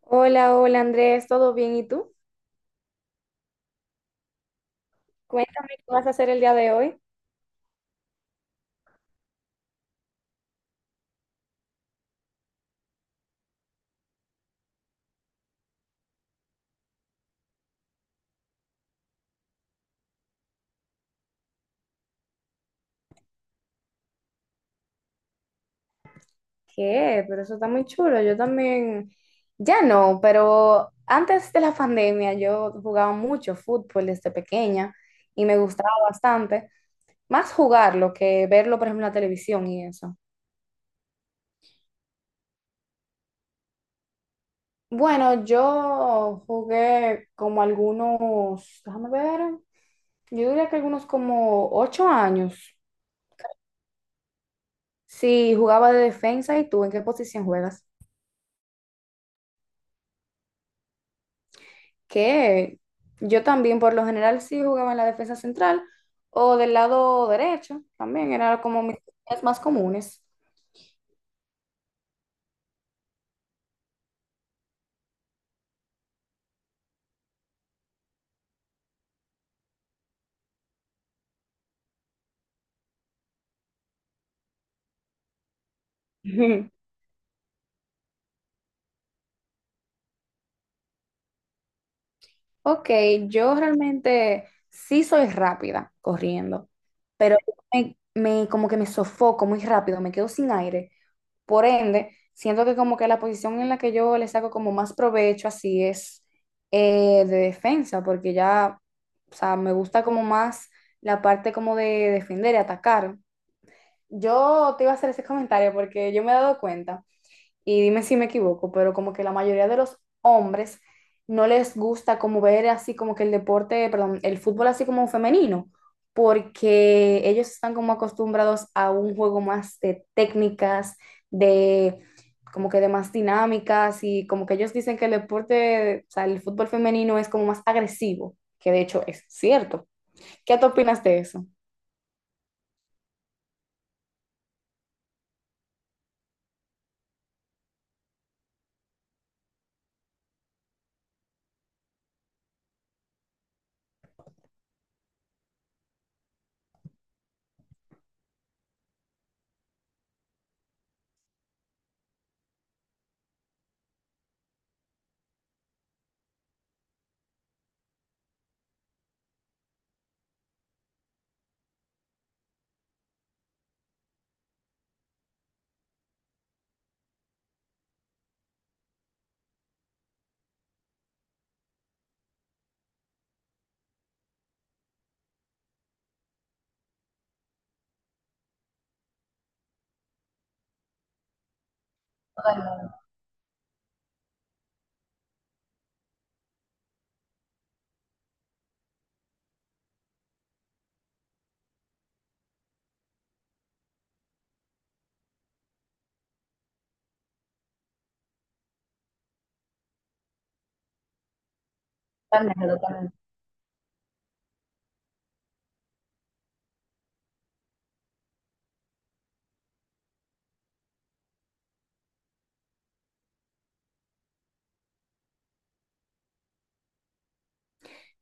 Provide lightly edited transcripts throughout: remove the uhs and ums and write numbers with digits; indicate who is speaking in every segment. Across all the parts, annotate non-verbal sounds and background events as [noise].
Speaker 1: Hola, hola Andrés, ¿todo bien? ¿Y tú? Cuéntame qué vas a hacer el día de hoy. ¿Qué? Pero eso está muy chulo. Yo también, ya no, pero antes de la pandemia yo jugaba mucho fútbol desde pequeña y me gustaba bastante, más jugarlo que verlo, por ejemplo, en la televisión y eso. Bueno, yo jugué como algunos, déjame ver, yo diría que algunos como 8 años. Sí, jugaba de defensa. ¿Y tú en qué posición juegas? Que yo también por lo general sí jugaba en la defensa central o del lado derecho, también era como mis posiciones más comunes. [laughs] Ujú. Ok, yo realmente sí soy rápida corriendo, pero como que me sofoco muy rápido, me quedo sin aire. Por ende, siento que como que la posición en la que yo le saco como más provecho así es de defensa, porque ya, o sea, me gusta como más la parte como de defender y atacar. Yo te iba a hacer ese comentario porque yo me he dado cuenta, y dime si me equivoco, pero como que la mayoría de los hombres no les gusta como ver así como que el deporte, perdón, el fútbol así como femenino, porque ellos están como acostumbrados a un juego más de técnicas, de como que de más dinámicas y como que ellos dicen que el deporte, o sea, el fútbol femenino es como más agresivo, que de hecho es cierto. ¿Qué tú opinas de eso? Totalmente, totalmente.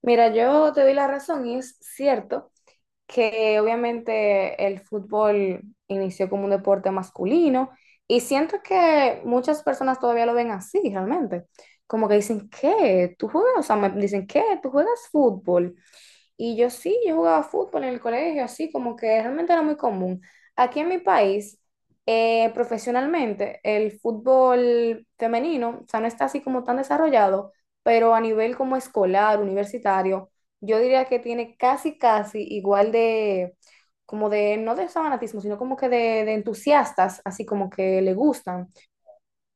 Speaker 1: Mira, yo te doy la razón y es cierto que obviamente el fútbol inició como un deporte masculino y siento que muchas personas todavía lo ven así realmente. Como que dicen, ¿qué? ¿Tú juegas? O sea, me dicen, ¿qué? ¿Tú juegas fútbol? Y yo sí, yo jugaba fútbol en el colegio, así como que realmente era muy común. Aquí en mi país, profesionalmente, el fútbol femenino, o sea, no está así como tan desarrollado, pero a nivel como escolar, universitario, yo diría que tiene casi, casi igual de, como de, no de fanatismo, sino como que de entusiastas, así como que le gustan.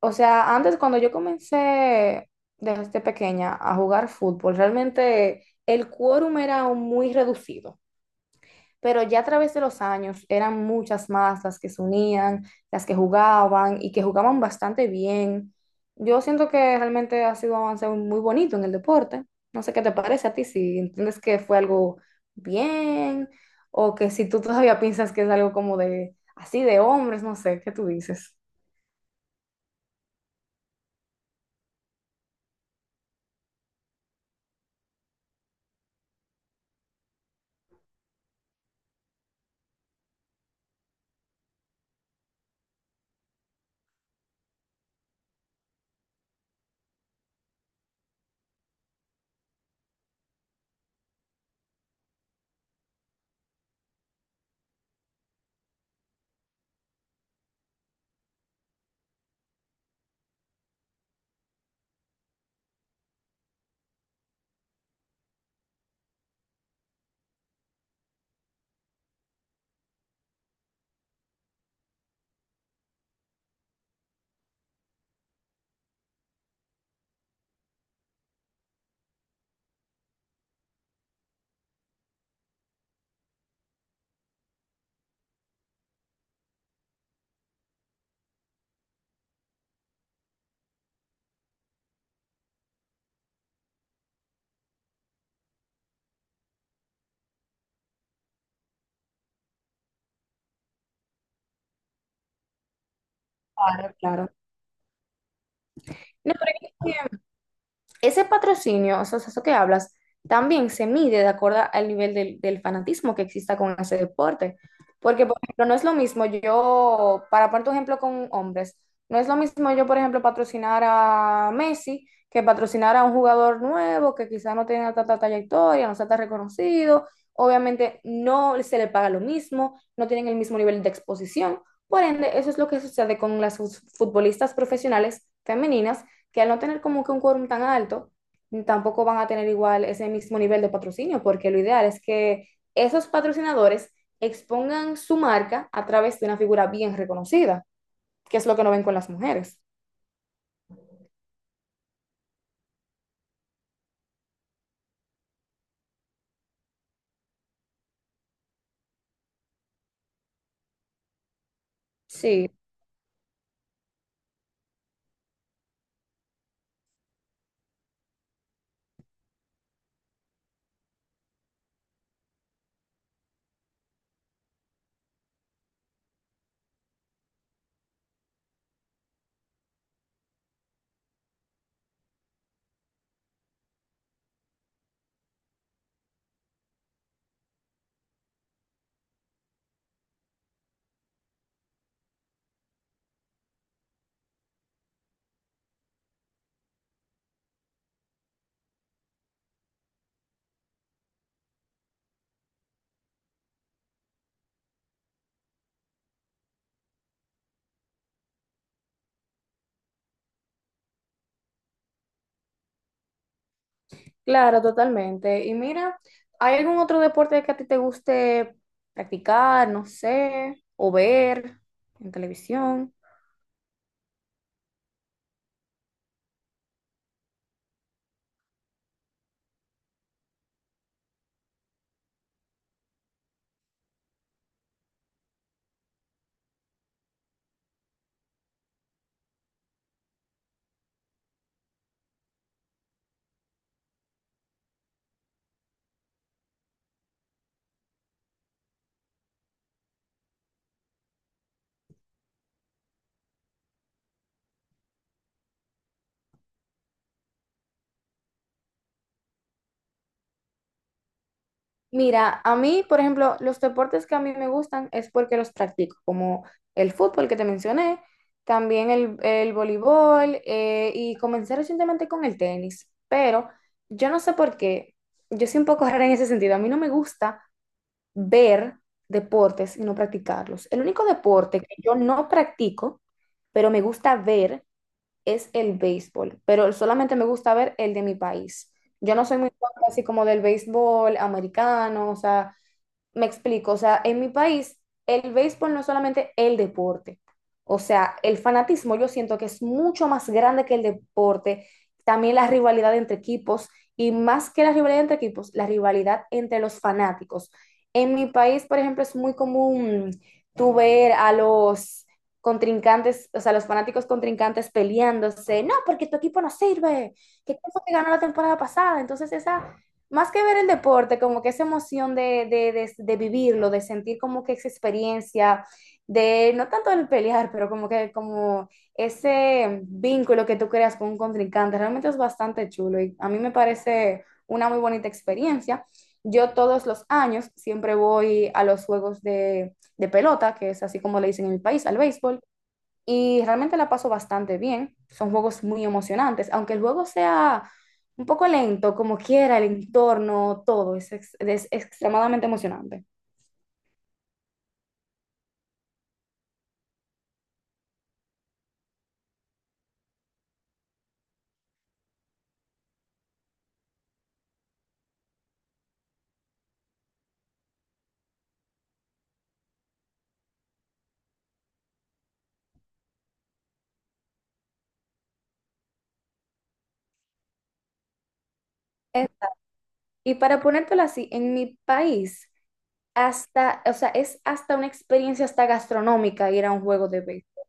Speaker 1: O sea, antes cuando yo comencé desde pequeña a jugar fútbol, realmente el quórum era un muy reducido, pero ya a través de los años eran muchas más las que se unían, las que jugaban y que jugaban bastante bien. Yo siento que realmente ha sido un avance muy bonito en el deporte. No sé qué te parece a ti, si entiendes que fue algo bien o que si tú todavía piensas que es algo como de así de hombres, no sé, ¿qué tú dices? Claro, claro. No, pero ese patrocinio, o sea, eso que hablas, también se mide de acuerdo al nivel del, del fanatismo que exista con ese deporte. Porque, por ejemplo, no es lo mismo yo, para poner tu ejemplo con hombres, no es lo mismo yo, por ejemplo, patrocinar a Messi que patrocinar a un jugador nuevo que quizás no tenga tanta trayectoria, no sea tan reconocido. Obviamente no se le paga lo mismo, no tienen el mismo nivel de exposición. Por ende, eso es lo que sucede con las futbolistas profesionales femeninas que al no tener como que un quórum tan alto, tampoco van a tener igual ese mismo nivel de patrocinio, porque lo ideal es que esos patrocinadores expongan su marca a través de una figura bien reconocida, que es lo que no ven con las mujeres. Sí, claro, totalmente. Y mira, ¿hay algún otro deporte que a ti te guste practicar, no sé, o ver en televisión? Mira, a mí, por ejemplo, los deportes que a mí me gustan es porque los practico, como el fútbol que te mencioné, también el voleibol y comencé recientemente con el tenis, pero yo no sé por qué, yo soy un poco [laughs] rara en ese sentido, a mí no me gusta ver deportes y no practicarlos. El único deporte que yo no practico, pero me gusta ver, es el béisbol, pero solamente me gusta ver el de mi país. Yo no soy muy fan así como del béisbol americano, o sea... Me explico, o sea, en mi país el béisbol no es solamente el deporte, o sea, el fanatismo yo siento que es mucho más grande que el deporte, también la rivalidad entre equipos y más que la rivalidad entre equipos, la rivalidad entre los fanáticos. En mi país, por ejemplo, es muy común tú ver a los contrincantes, o sea, los fanáticos contrincantes peleándose, no, porque tu equipo no sirve, que quién fue que ganó la temporada pasada, entonces esa más que ver el deporte, como que esa emoción de vivirlo, de sentir como que esa experiencia, de no tanto el pelear, pero como que como ese vínculo que tú creas con un contrincante, realmente es bastante chulo y a mí me parece una muy bonita experiencia. Yo todos los años siempre voy a los juegos de pelota, que es así como le dicen en mi país, al béisbol y realmente la paso bastante bien. Son juegos muy emocionantes, aunque el juego sea un poco lento, como quiera, el entorno, todo, es, es extremadamente emocionante. Eh, Y para ponértelo así, en mi país, hasta, o sea, es hasta una experiencia hasta gastronómica ir a un juego de béisbol.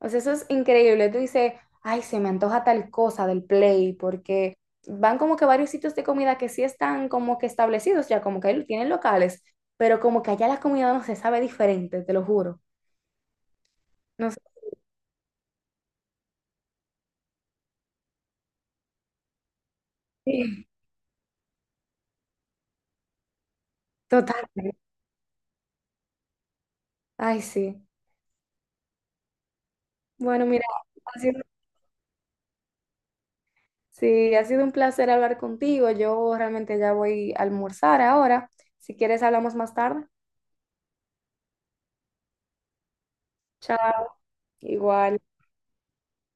Speaker 1: O sea, eso es increíble. Tú dices, ay, se me antoja tal cosa del Play, porque van como que varios sitios de comida que sí están como que establecidos ya, como que tienen locales, pero como que allá la comida no se sabe diferente, te lo juro. No sé. Sí, totalmente. Ay, sí. Bueno, mira, ha sido, sí, ha sido un placer hablar contigo. Yo realmente ya voy a almorzar ahora. Si quieres, hablamos más tarde. Chao. Igual.